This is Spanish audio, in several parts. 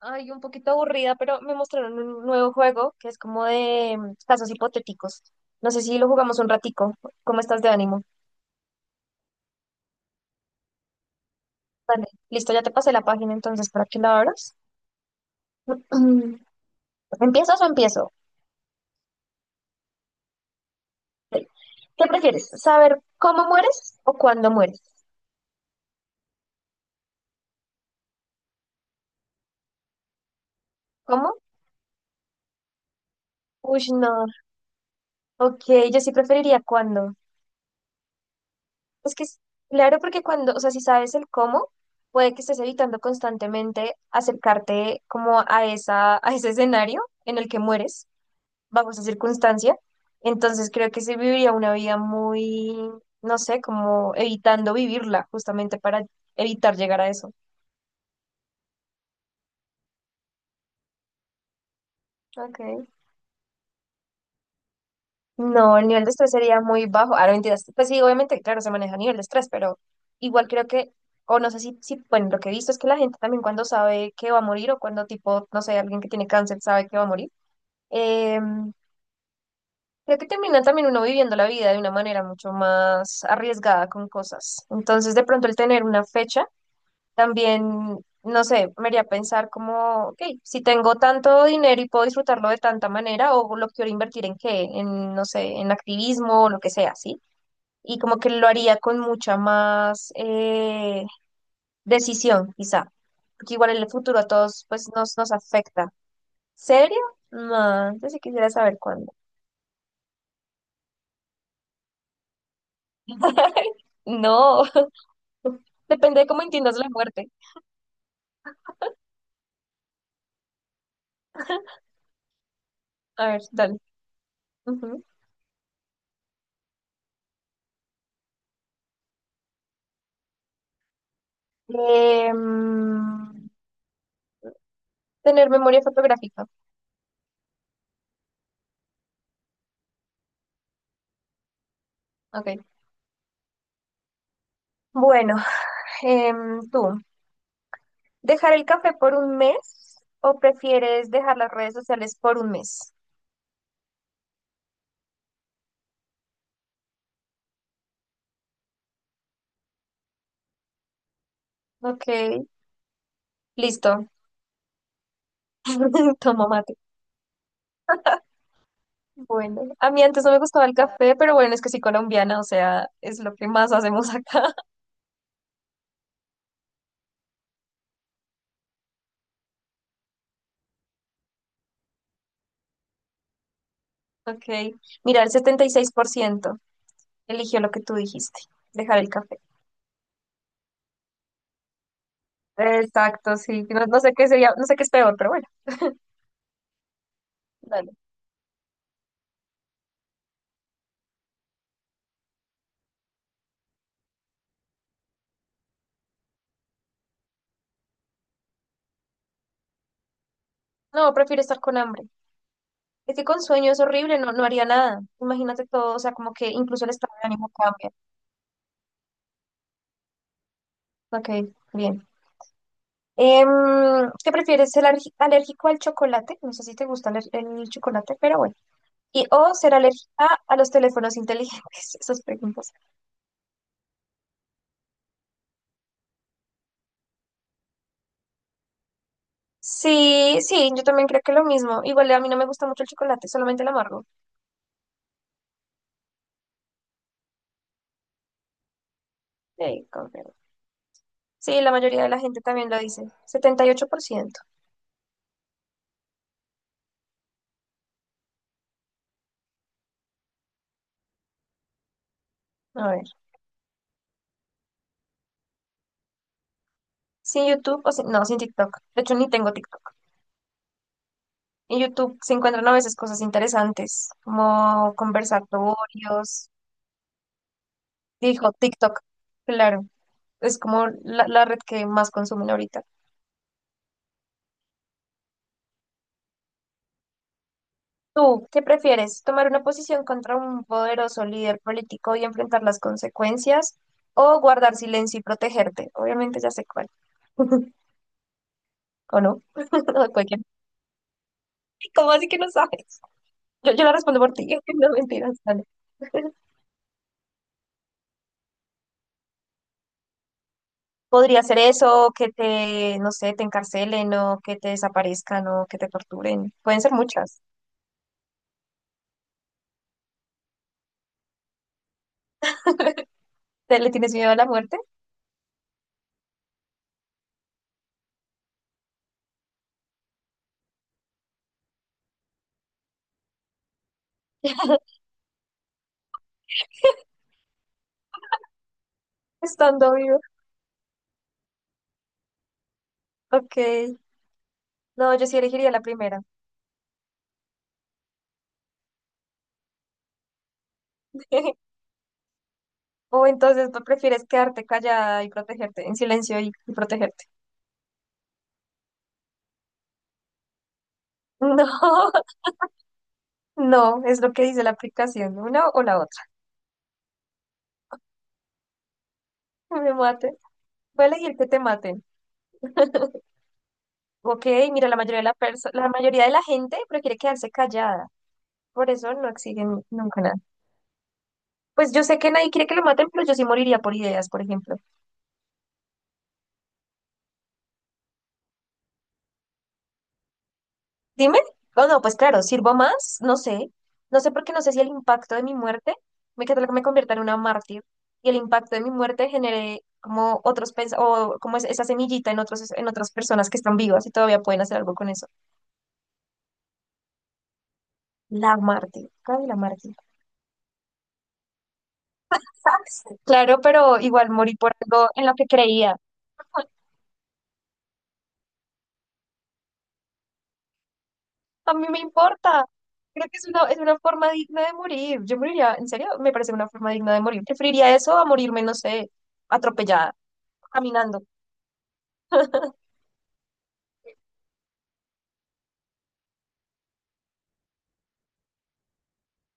Ay, un poquito aburrida, pero me mostraron un nuevo juego que es como de casos hipotéticos. No sé si lo jugamos un ratico. ¿Cómo estás de ánimo? Vale, listo, ya te pasé la página entonces para que la abras. ¿Empiezas o empiezo? ¿Qué prefieres? ¿Saber cómo mueres o cuándo mueres? ¿Cómo? Uy, no. Ok, yo sí preferiría cuándo. Es que, claro, porque cuando, o sea, si sabes el cómo, puede que estés evitando constantemente acercarte como a esa, a ese escenario en el que mueres bajo esa circunstancia. Entonces creo que se viviría una vida muy, no sé, como evitando vivirla, justamente para evitar llegar a eso. Okay. No, el nivel de estrés sería muy bajo. Ahora, mentiras. Pues sí, obviamente, claro, se maneja a nivel de estrés, pero igual creo que, o no sé si, bueno, lo que he visto es que la gente también cuando sabe que va a morir o cuando tipo, no sé, alguien que tiene cáncer sabe que va a morir, eh, creo que termina también uno viviendo la vida de una manera mucho más arriesgada con cosas. Entonces, de pronto el tener una fecha también, no sé, me haría pensar como, ok, si tengo tanto dinero y puedo disfrutarlo de tanta manera, o lo quiero invertir en qué, en, no sé, en activismo o lo que sea, ¿sí? Y como que lo haría con mucha más decisión, quizá, porque igual en el futuro a todos, pues, nos afecta. ¿Serio? No, yo sí quisiera saber cuándo. No, depende de cómo entiendas la muerte. A ver, dale. Ujú. Em, Tener memoria fotográfica. Ok. Bueno. Tú, ¿dejar el café por un mes o prefieres dejar las redes sociales por un mes? Ok, listo. Tomo mate. Bueno, a mí antes no me gustaba el café, pero bueno, es que soy colombiana, o sea, es lo que más hacemos acá. Ok, mira, el 76% eligió lo que tú dijiste, dejar el café. Exacto, sí. No, no sé qué sería, no sé qué es peor, pero bueno, dale. No, prefiero estar con hambre. Es que con sueño es horrible, no, no haría nada. Imagínate todo, o sea, como que incluso el estado de ánimo cambia. Ok, bien. Em, ¿Qué prefieres? ¿Ser alérgico al chocolate? No sé si te gusta el chocolate, pero bueno. Y, o ser alérgica a los teléfonos inteligentes, esas preguntas. Sí, sí, yo también creo que lo mismo. Igual a mí no me gusta mucho el chocolate, solamente el amargo. Sí, confirmo. Sí, la mayoría de la gente también lo dice. 78%. A ver. ¿Sin YouTube o no, sin TikTok? De hecho, ni tengo TikTok. En YouTube se encuentran a veces cosas interesantes, como conversatorios. Dijo TikTok, claro. Es como la red que más consumen ahorita. ¿Tú qué prefieres? ¿Tomar una posición contra un poderoso líder político y enfrentar las consecuencias? ¿O guardar silencio y protegerte? Obviamente ya sé cuál. ¿O no? O cualquiera. ¿Cómo así que no sabes? Yo la respondo por ti. No mentiras, dale. Podría ser eso, que te, no sé, te encarcelen o que te desaparezcan o que te torturen. Pueden ser muchas. ¿Le tienes miedo a la muerte? Estando vivo. Ok. No, yo sí elegiría la primera. O entonces tú prefieres quedarte callada y protegerte, en silencio y protegerte. No, no, es lo que dice la aplicación, una o la otra. Me maten. Voy a elegir que te maten. Ok, mira, la mayoría de la gente prefiere quedarse callada. Por eso no exigen nunca nada. Pues yo sé que nadie quiere que lo maten, pero yo sí moriría por ideas, por ejemplo. Dime, oh no, pues claro, sirvo más, no sé, no sé porque no sé si el impacto de mi muerte me que me convierta en una mártir y el impacto de mi muerte genere como otros pens- o como es- esa semillita en otras personas que están vivas y todavía pueden hacer algo con eso. La mártir, claro, la mártir. Claro, pero igual morí por algo en lo que creía. A mí me importa. Creo que es una forma digna de morir. Yo moriría, en serio, me parece una forma digna de morir. Preferiría eso a morirme, no sé, atropellada, caminando.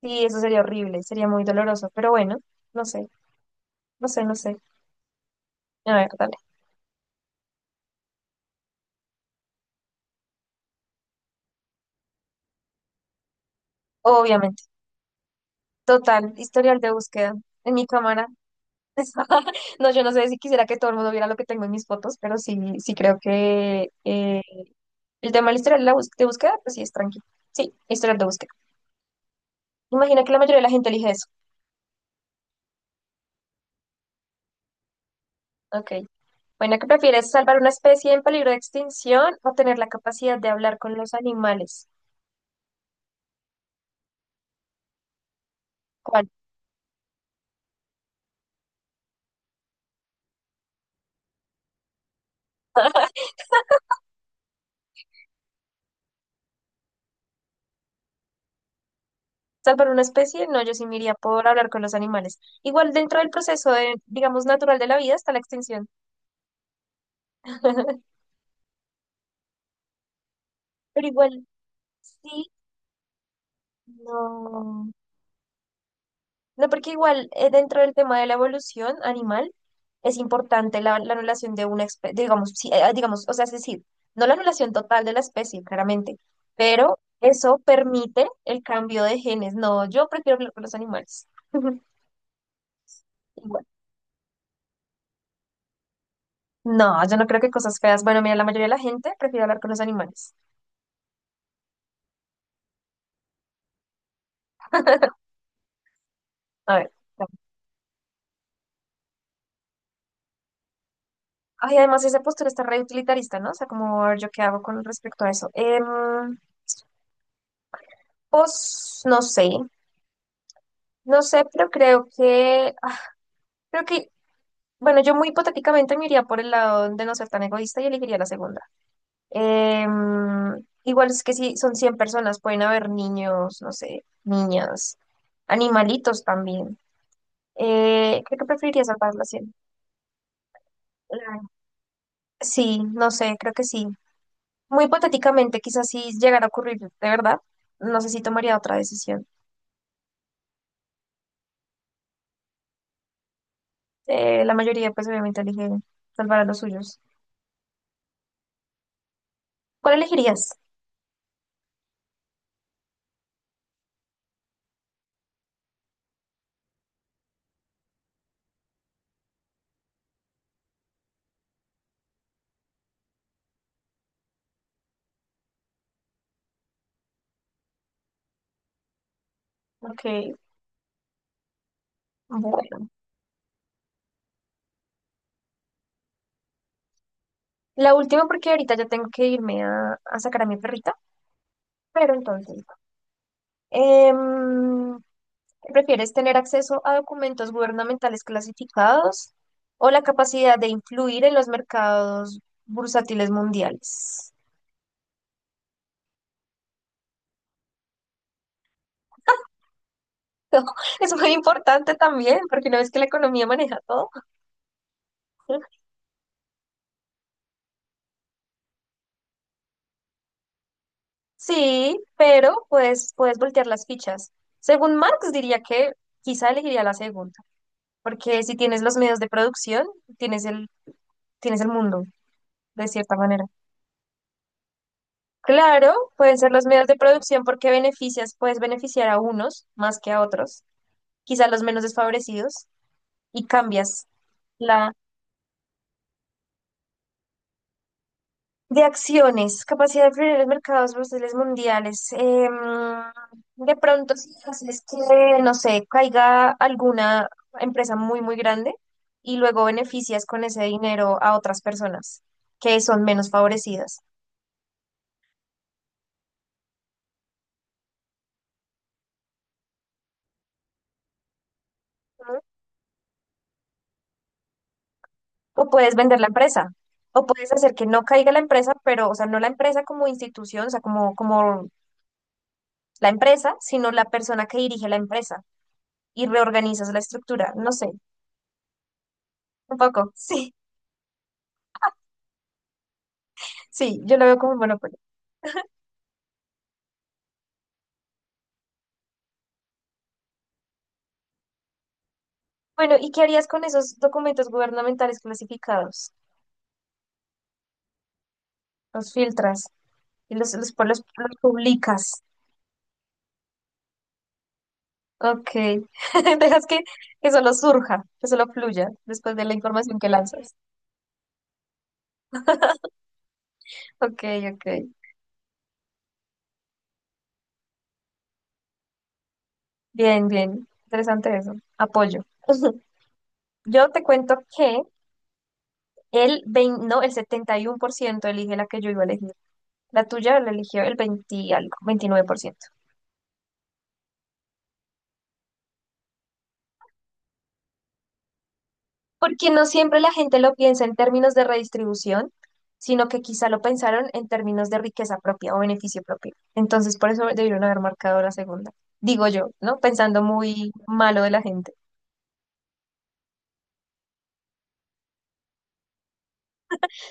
Sí, eso sería horrible, sería muy doloroso, pero bueno, no sé, no sé, no sé. A ver, dale. Obviamente. Total, historial de búsqueda en mi cámara. No, yo no sé si quisiera que todo el mundo viera lo que tengo en mis fotos, pero sí, sí creo que el tema del historial de búsqueda, pues sí es tranquilo. Sí, historial de búsqueda. Imagina que la mayoría de la gente elige eso. Ok. Bueno, ¿qué prefieres, salvar una especie en peligro de extinción o tener la capacidad de hablar con los animales? ¿Cuál? Salvar una especie, no, yo sí me iría por hablar con los animales. Igual dentro del proceso de, digamos, natural de la vida está la extinción. Pero igual, sí, no. No, porque igual dentro del tema de la evolución animal es importante la anulación de una especie, digamos, sí, digamos, o sea, es decir, no la anulación total de la especie, claramente, pero eso permite el cambio de genes. No, yo prefiero hablar con los animales. Igual. No, yo no creo que cosas feas. Bueno, mira, la mayoría de la gente prefiere hablar con los animales. A ver. Ay, además esa postura está re utilitarista, ¿no? O sea, como a ver, yo qué hago con respecto a eso. Pues no sé, no sé, pero creo que, ah, creo que, bueno, yo muy hipotéticamente me iría por el lado de no ser tan egoísta y elegiría la segunda. Igual es que si son 100 personas, pueden haber niños, no sé, niñas, animalitos también. Creo que preferiría salvar las 100. Sí, no sé, creo que sí. Muy hipotéticamente, quizás si llegara a ocurrir, de verdad, no sé si tomaría otra decisión. La mayoría, pues obviamente, elige salvar a los suyos. ¿Cuál elegirías? Ok, bueno. La última, porque ahorita ya tengo que irme a sacar a mi perrita, pero entonces, em, ¿prefieres tener acceso a documentos gubernamentales clasificados o la capacidad de influir en los mercados bursátiles mundiales? Es muy importante también, porque una vez que la economía maneja todo. Sí, pero pues puedes voltear las fichas. Según Marx diría que quizá elegiría la segunda, porque si tienes los medios de producción, tienes el, tienes el mundo, de cierta manera. Claro, pueden ser los medios de producción porque beneficias, puedes beneficiar a unos más que a otros, quizá los menos desfavorecidos, y cambias. De acciones, capacidad de influir en los mercados bursátiles mundiales. De pronto, si haces que, no sé, caiga alguna empresa muy, muy grande y luego beneficias con ese dinero a otras personas que son menos favorecidas. Ujú. O puedes vender la empresa, o puedes hacer que no caiga la empresa, pero, o sea, no la empresa como institución, o sea, como la empresa, sino la persona que dirige la empresa y reorganizas la estructura. No sé, un poco. Sí, sí, yo lo veo como un monopolio. Bueno, ¿y qué harías con esos documentos gubernamentales clasificados? Los filtras y los publicas. Ok. Dejas que solo surja, que solo fluya después de la información que lanzas. Ok, ok. Bien, bien. Interesante eso. Apoyo. Yo te cuento que el 20, no, el 71% elige la que yo iba a elegir. La tuya la eligió el 20 y algo, 29%. Porque no siempre la gente lo piensa en términos de redistribución, sino que quizá lo pensaron en términos de riqueza propia o beneficio propio. Entonces, por eso debieron haber marcado la segunda. Digo yo, ¿no? Pensando muy malo de la gente.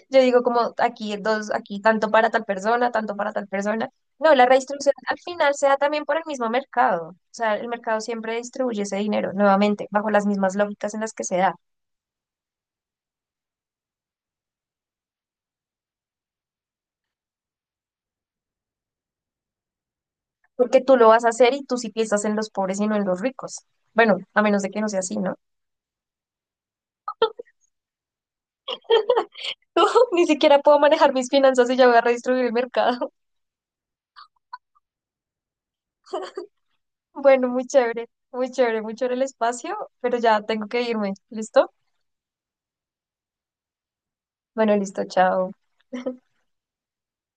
Yo digo como aquí dos, aquí tanto para tal persona, tanto para tal persona. No, la redistribución al final se da también por el mismo mercado. O sea, el mercado siempre distribuye ese dinero, nuevamente, bajo las mismas lógicas en las que se da. Porque tú lo vas a hacer y tú sí piensas en los pobres y no en los ricos. Bueno, a menos de que no sea así, ¿no? Ni siquiera puedo manejar mis finanzas y ya voy a redistribuir el mercado. Bueno, muy chévere, muy chévere, muy chévere el espacio, pero ya tengo que irme. ¿Listo? Bueno, listo, chao.